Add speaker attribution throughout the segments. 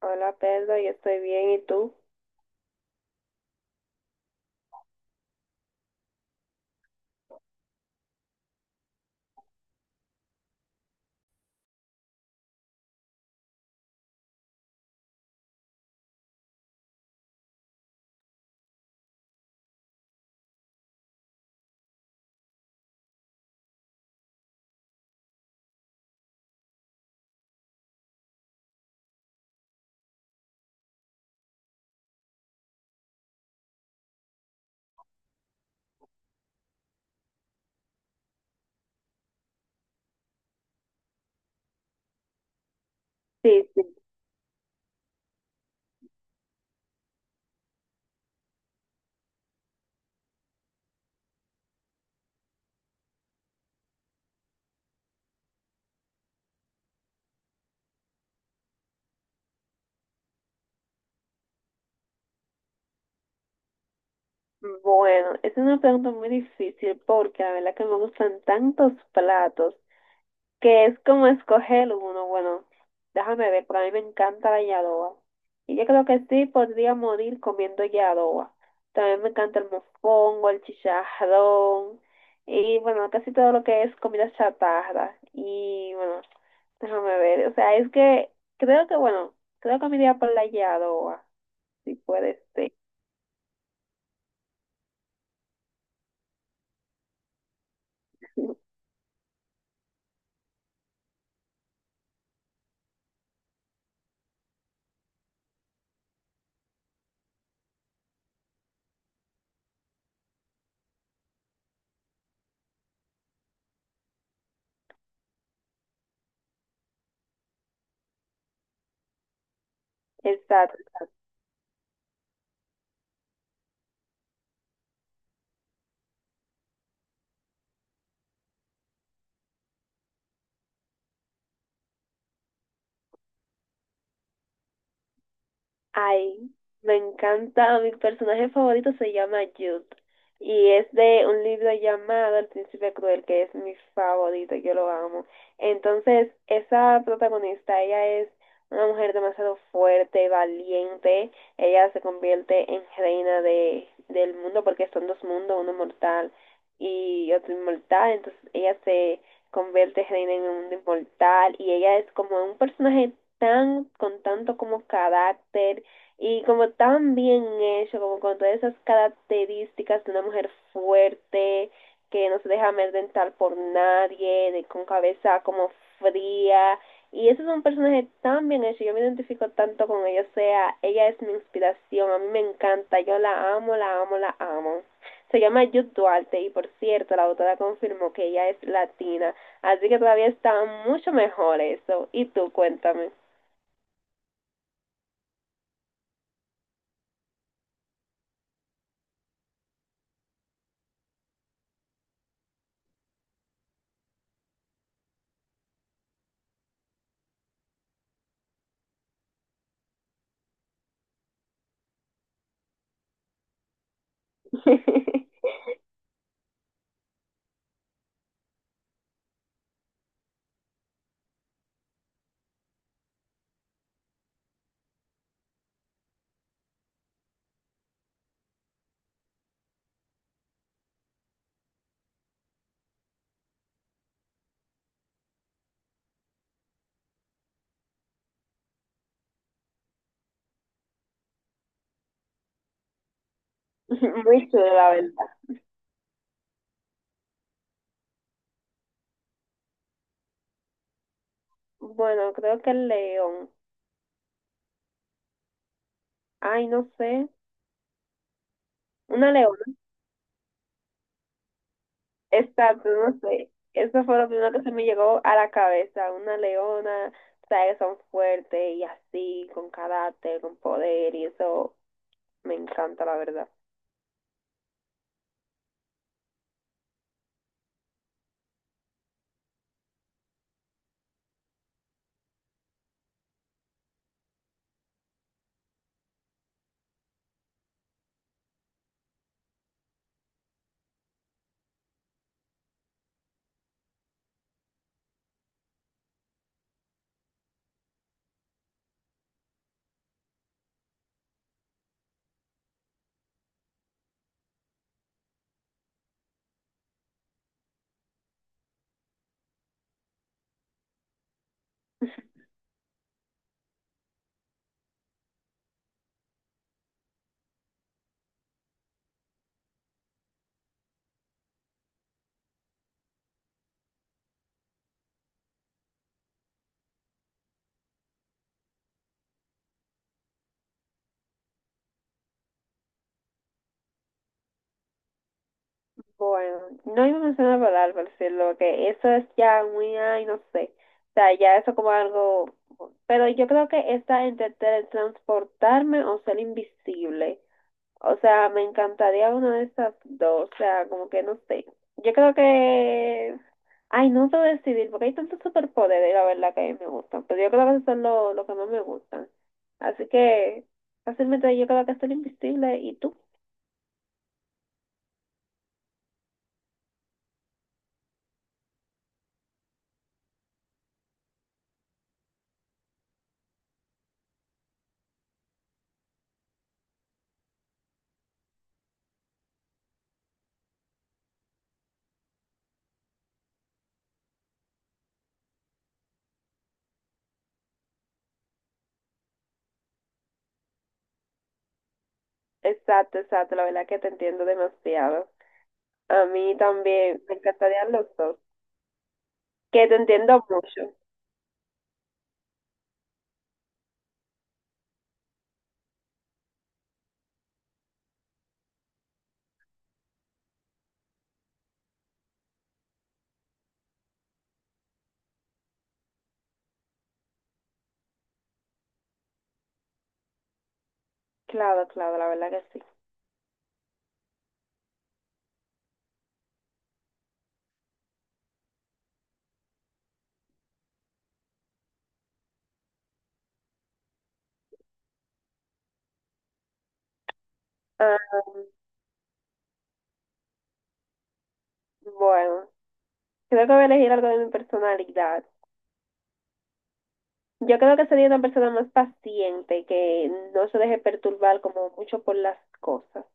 Speaker 1: Hola Pedro, yo estoy bien, ¿y tú? Sí, sí. Bueno, es una pregunta muy difícil porque la verdad que me gustan tantos platos que es como escoger uno. Bueno, déjame ver, pero a mí me encanta la yadoa. Y yo creo que sí podría morir comiendo yadoa. También me encanta el mofongo, el chicharrón y bueno, casi todo lo que es comida chatarra. Y bueno, déjame ver, o sea, es que creo que bueno, creo que me iría por la yadoa, si puede ser. Exacto. Ay, me encanta. Mi personaje favorito se llama Jude y es de un libro llamado El Príncipe Cruel, que es mi favorito, yo lo amo. Entonces, esa protagonista, ella es una mujer demasiado fuerte, valiente. Ella se convierte en reina del mundo porque son dos mundos, uno mortal y otro inmortal. Entonces, ella se convierte reina en un mundo inmortal y ella es como un personaje tan, con tanto como carácter y como tan bien hecho, como con todas esas características de una mujer fuerte, que no se deja amedrentar por nadie, de, con cabeza como fría. Y ese es un personaje tan bien hecho, yo me identifico tanto con ella, o sea, ella es mi inspiración, a mí me encanta, yo la amo, la amo, la amo. Se llama Jude Duarte y por cierto, la autora confirmó que ella es latina, así que todavía está mucho mejor eso. Y tú, cuéntame. Muy chulo, la verdad. Bueno, creo que el león. Ay, no sé. Una leona. Exacto, no sé. Eso fue lo primero que se me llegó a la cabeza. Una leona, sabes, que son fuertes y así, con carácter, con poder, y eso me encanta, la verdad. Bueno, no iba a mencionar volar, por decirlo, que eso es ya muy, ay, no sé. O sea, ya eso como algo. Pero yo creo que está entre teletransportarme o ser invisible. O sea, me encantaría una de esas dos. O sea, como que no sé. Yo creo que... Ay, no sé decidir, porque hay tantos superpoderes, la verdad, que me gustan. Pero yo creo que esos son los lo que más me gustan. Así que fácilmente yo creo que soy invisible. ¿Y tú? Exacto, exacto. La verdad que te entiendo demasiado. A mí también me encantarían los dos. Que te entiendo mucho. Claro, claro, la verdad que sí. Ah, bueno, creo que voy a elegir algo de mi personalidad. Yo creo que sería una persona más paciente, que no se deje perturbar como mucho por las cosas.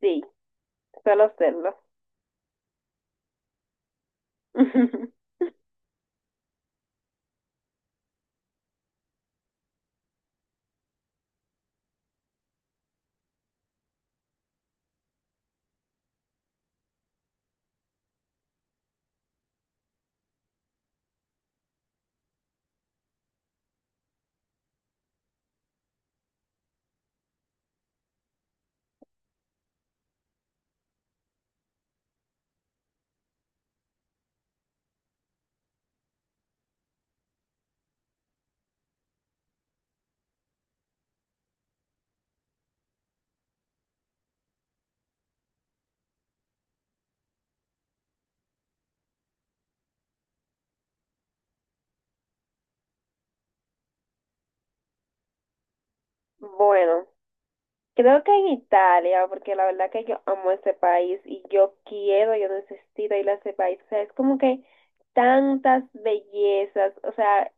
Speaker 1: Sí, suelo serlo. Bueno. Creo que en Italia, porque la verdad que yo amo ese país y yo quiero, yo necesito ir a ese país. O sea, es como que tantas bellezas, o sea,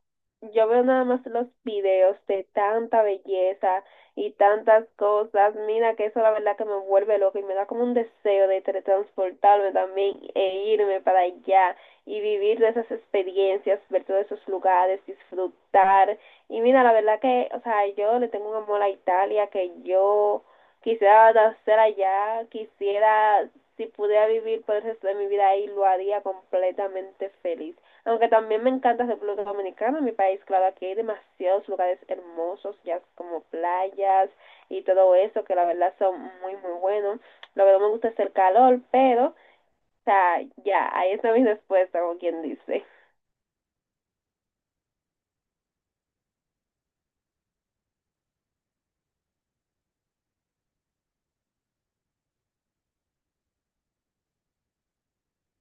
Speaker 1: yo veo nada más los videos de tanta belleza y tantas cosas. Mira que eso la verdad que me vuelve loco y me da como un deseo de teletransportarme también e irme para allá y vivir de esas experiencias, ver todos esos lugares, disfrutar. Y mira, la verdad que, o sea, yo le tengo un amor a Italia, que yo quisiera nacer allá, quisiera, si pudiera vivir por el resto de mi vida ahí, lo haría completamente feliz. Aunque también me encanta República Dominicana, mi país, claro, aquí hay demasiados lugares hermosos, ya como playas y todo eso, que la verdad son muy, muy buenos. Lo que no me gusta es el calor, pero, o sea, ya, ahí está mi respuesta, como quien dice.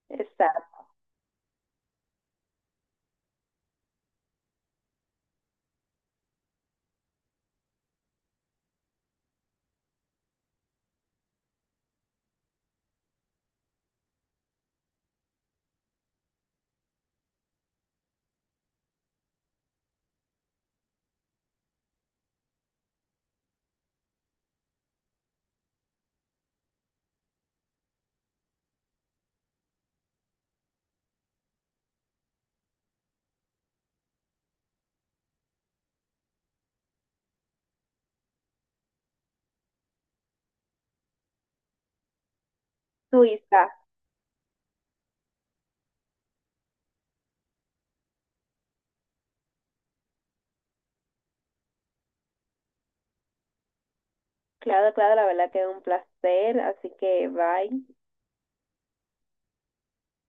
Speaker 1: Está, Suiza. Claro, claro, la verdad que es un placer, así que bye.